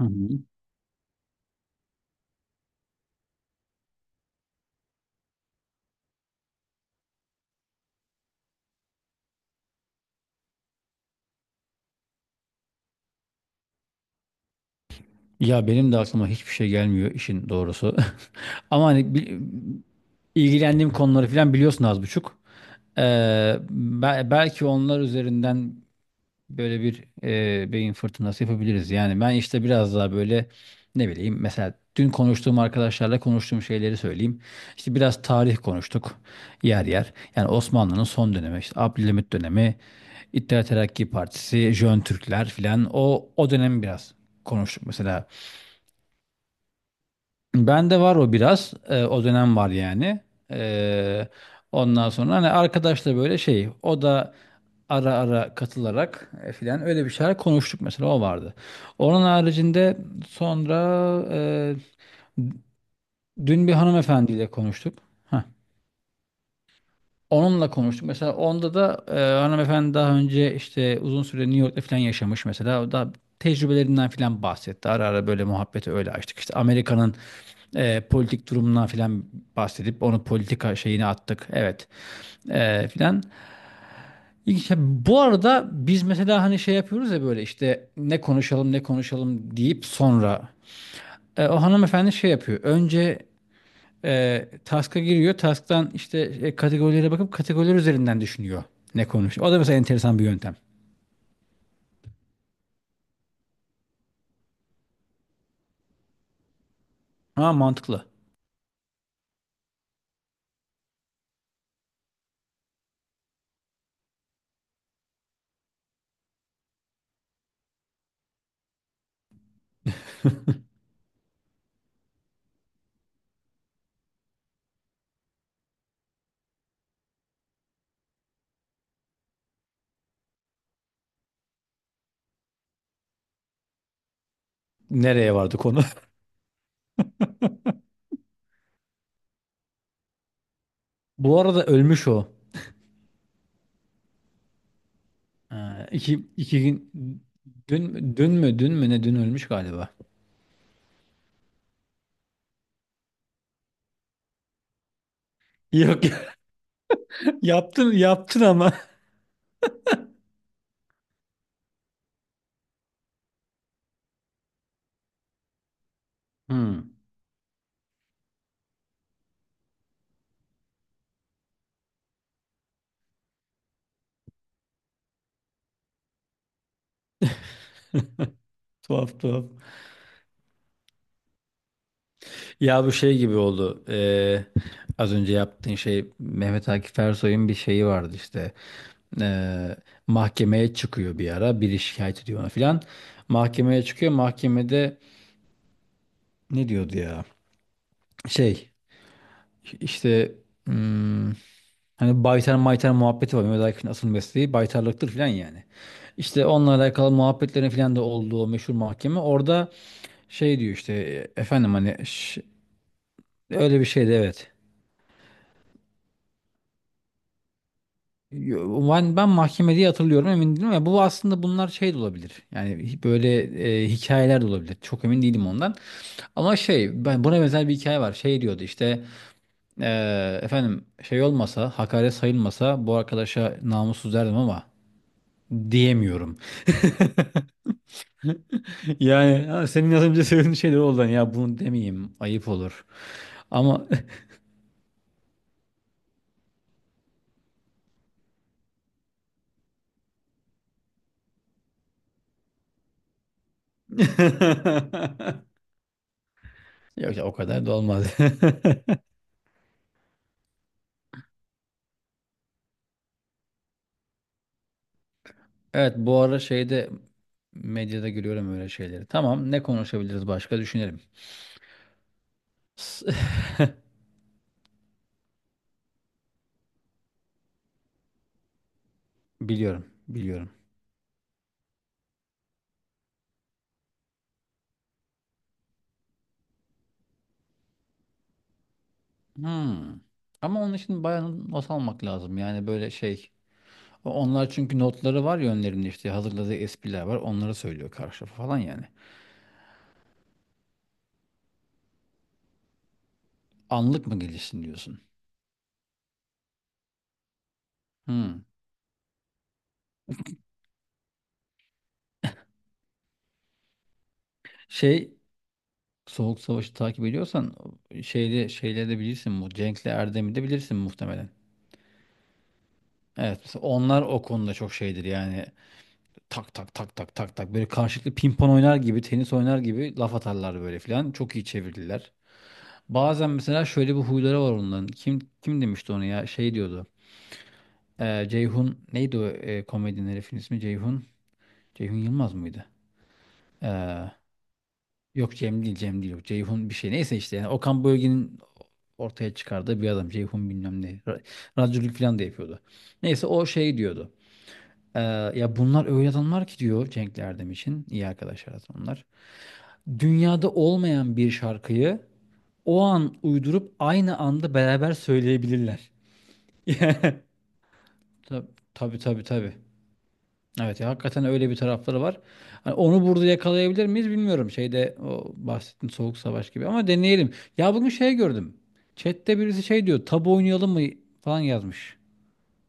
Hı hı. Ya benim de aklıma hiçbir şey gelmiyor işin doğrusu. Ama hani ilgilendiğim konuları falan biliyorsun az buçuk. Ee, belki onlar üzerinden böyle bir beyin fırtınası yapabiliriz. Yani ben işte biraz daha böyle ne bileyim, mesela dün konuştuğum arkadaşlarla konuştuğum şeyleri söyleyeyim. İşte biraz tarih konuştuk yer yer. Yani Osmanlı'nın son dönemi, işte Abdülhamit dönemi, İttihat Terakki Partisi, Jön Türkler filan o dönemi biraz konuştuk mesela. Bende var o biraz. O dönem var yani. Ee, Ondan sonra hani arkadaşla böyle şey, o da ara ara katılarak filan öyle bir şeyler konuştuk, mesela o vardı. Onun haricinde sonra e, dün bir hanımefendiyle konuştuk. Heh. Onunla konuştuk. Mesela onda da hanımefendi daha önce işte uzun süre New York'ta falan yaşamış mesela. O da tecrübelerinden falan bahsetti. Ara ara böyle muhabbeti öyle açtık. İşte Amerika'nın politik durumundan falan bahsedip onu politika şeyine attık. Evet, filan. İlginç. Ya, bu arada biz mesela hani şey yapıyoruz ya, böyle işte ne konuşalım, ne konuşalım deyip sonra o hanımefendi şey yapıyor. Önce task'a giriyor. Task'tan işte kategorilere bakıp kategoriler üzerinden düşünüyor ne konuş. O da mesela enteresan bir yöntem. Ha, mantıklı. Nereye vardı konu? Bu arada ölmüş o. İki, iki gün, dün mü ne, dün ölmüş galiba. Yok. Yaptın yaptın ama. Hmm, tuhaf tuhaf. Ya bu şey gibi oldu. Az önce yaptığın şey, Mehmet Akif Ersoy'un bir şeyi vardı işte. Ee, Mahkemeye çıkıyor bir ara. Biri şikayet ediyor ona filan. Mahkemeye çıkıyor. Mahkemede ne diyordu ya? Şey işte, hmm, hani baytar maytar muhabbeti var. Mehmet Akif'in asıl mesleği baytarlıktır filan yani. İşte onunla alakalı muhabbetlerin filan da olduğu o meşhur mahkeme. Orada şey diyor işte, efendim hani öyle bir şeydi, evet. Ben mahkemede hatırlıyorum, emin değilim ya, bu aslında bunlar şey de olabilir yani, böyle hikayeler de olabilir, çok emin değilim ondan. Ama şey, ben buna benzer bir hikaye var, şey diyordu işte, efendim, şey olmasa, hakaret sayılmasa bu arkadaşa namussuz derdim ama diyemiyorum. Yani ha, senin az önce söylediğin şey de oldu. Hani ya, bunu demeyeyim, ayıp olur ama. Yok ya, o kadar da olmaz. Evet, bu ara şeyde, medyada görüyorum öyle şeyleri. Tamam, ne konuşabiliriz, başka düşünelim. S- Biliyorum, biliyorum. Hmm. Ama onun için bayağı not almak lazım. Yani böyle şey. Onlar çünkü notları var ya önlerinde, işte hazırladığı espriler var. Onları söylüyor karşı tarafa falan yani. Anlık mı gelişsin diyorsun. Hmm. Şey, Soğuk Savaş'ı takip ediyorsan şeyde şeyleri de bilirsin bu. Cenk'le Erdem'i de bilirsin muhtemelen. Evet, mesela onlar o konuda çok şeydir yani, tak tak tak tak tak tak böyle karşılıklı pimpon oynar gibi, tenis oynar gibi laf atarlar böyle filan. Çok iyi çevirdiler. Bazen mesela şöyle bir huyları var onların. Kim kim demişti onu ya? Şey diyordu. Ceyhun, neydi o komedinin herifin ismi? Ceyhun. Ceyhun Yılmaz mıydı? Ee, yok, Cem değil, Cem değil, yok. Ceyhun bir şey. Neyse işte, yani Okan Bölge'nin ortaya çıkardığı bir adam. Ceyhun bilmem ne. Radyoculuk filan da yapıyordu. Neyse, o şey diyordu. Ee, ya bunlar öyle adamlar ki, diyor Cenk Erdem için, iyi arkadaşlar aslında onlar. Dünyada olmayan bir şarkıyı o an uydurup aynı anda beraber söyleyebilirler. Tabii, tabii. Tabii. Evet ya, hakikaten öyle bir tarafları var. Hani onu burada yakalayabilir miyiz bilmiyorum. Şeyde, o bahsettiğin Soğuk Savaş gibi, ama deneyelim. Ya bugün şey gördüm. Chat'te birisi şey diyor. Tabu oynayalım mı falan yazmış.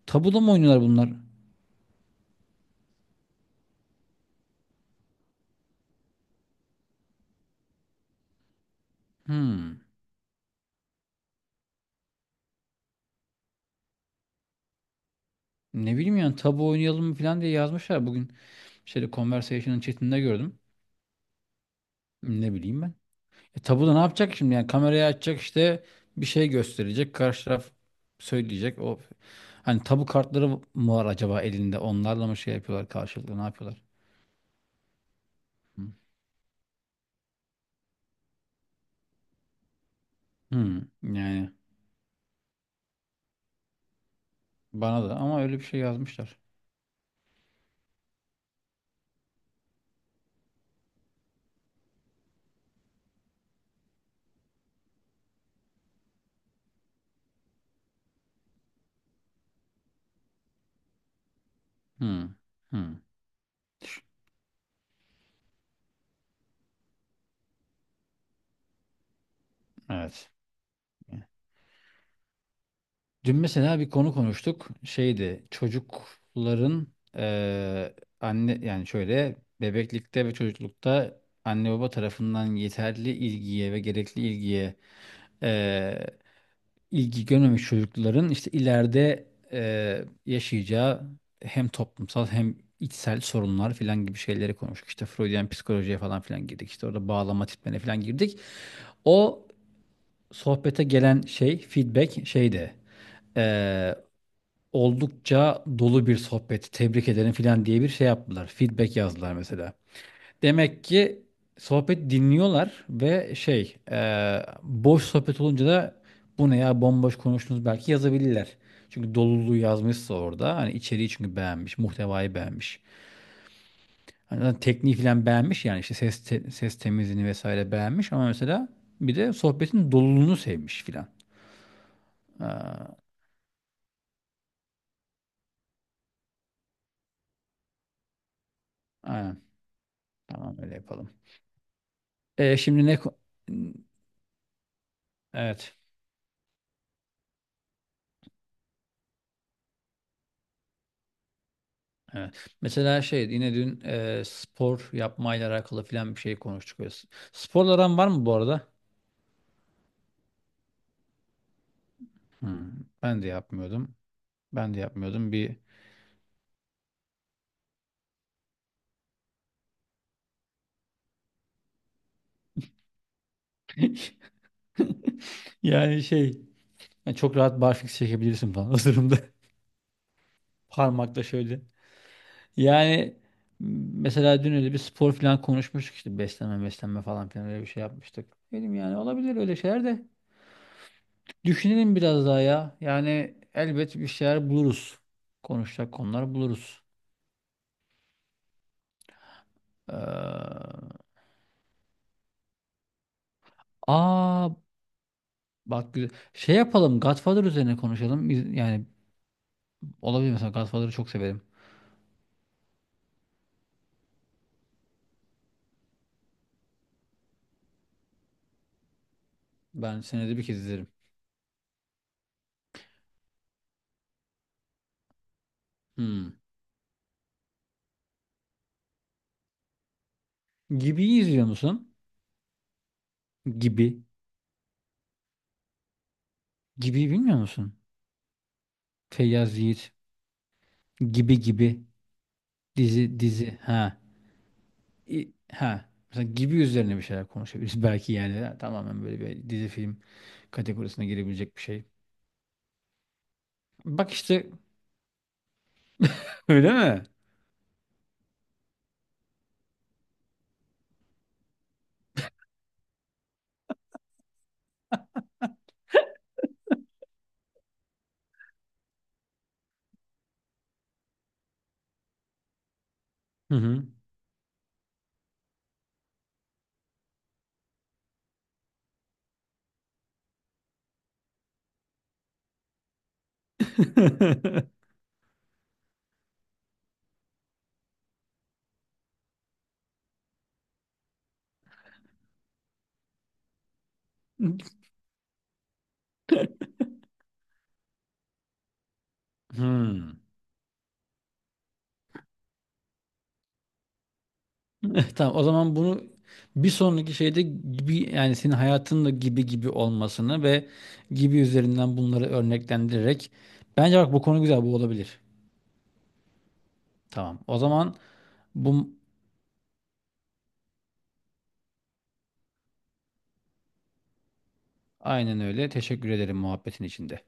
Tabu da mı oynuyorlar bunlar? Hmm. Ne bileyim, yani tabu oynayalım mı falan diye yazmışlar bugün. Şeyde, Conversation'ın chat'inde gördüm. Ne bileyim ben. E, tabuda ne yapacak şimdi? Yani kamerayı açacak, işte bir şey gösterecek. Karşı taraf söyleyecek. O, hani tabu kartları mı var acaba elinde? Onlarla mı şey yapıyorlar karşılıklı? Ne yapıyorlar? Hı. Hmm, yani bana da, ama öyle bir şey yazmışlar. Hmm, hmm, evet. Dün mesela bir konu konuştuk. Şeydi, çocukların, eee, anne, yani şöyle, bebeklikte ve çocuklukta anne baba tarafından yeterli ilgiye ve gerekli ilgiye e, ilgi görmemiş çocukların işte ileride yaşayacağı hem toplumsal hem içsel sorunlar filan gibi şeyleri konuştuk. İşte Freudian psikolojiye falan filan girdik. İşte orada bağlama tiplerine filan girdik. O sohbete gelen şey, feedback şeydi. e, Oldukça dolu bir sohbet, tebrik ederim filan diye bir şey yaptılar. Feedback yazdılar mesela. Demek ki sohbet dinliyorlar, ve şey boş sohbet olunca da bu ne ya, bomboş konuştunuz belki yazabilirler. Çünkü doluluğu yazmışsa orada, hani içeriği çünkü beğenmiş, muhtevayı beğenmiş. Hani zaten tekniği falan beğenmiş yani, işte ses temizliğini vesaire beğenmiş, ama mesela bir de sohbetin doluluğunu sevmiş filan. Aa, aynen. Tamam, öyle yapalım. E, şimdi evet. Evet. Mesela şey, yine dün spor yapmayla alakalı filan bir şey konuştuk. Böyle, sporla aran var mı bu arada? Hmm, ben de yapmıyordum. Ben de yapmıyordum. Bir yani şey, yani çok rahat barfiks çekebilirsin falan o durumda. Parmakla şöyle. Yani mesela dün öyle bir spor filan konuşmuştuk, işte beslenme, falan filan öyle bir şey yapmıştık. Dedim, yani olabilir öyle şeyler de. Düşünelim biraz daha ya. Yani elbet bir şeyler buluruz. Konuşacak konular buluruz. Ee, aa, bak güzel. Şey yapalım, Godfather üzerine konuşalım. Yani olabilir, mesela Godfather'ı çok severim. Ben senede bir kez izlerim. Hmm. Gibi'yi izliyor musun? Gibi. Gibi bilmiyor musun? Feyyaz Yiğit. Gibi gibi. Dizi dizi. Ha. Ha. Mesela Gibi üzerine bir şeyler konuşabiliriz belki yani. Ha, tamamen böyle bir dizi film kategorisine girebilecek bir şey. Bak işte. Öyle mi? Hı hı. Hmm. Tamam, o zaman bunu bir sonraki şeyde gibi, yani senin hayatınla gibi gibi olmasını ve gibi üzerinden bunları örneklendirerek, bence bak bu konu güzel, bu olabilir. Tamam. O zaman bu aynen öyle. Teşekkür ederim muhabbetin içinde.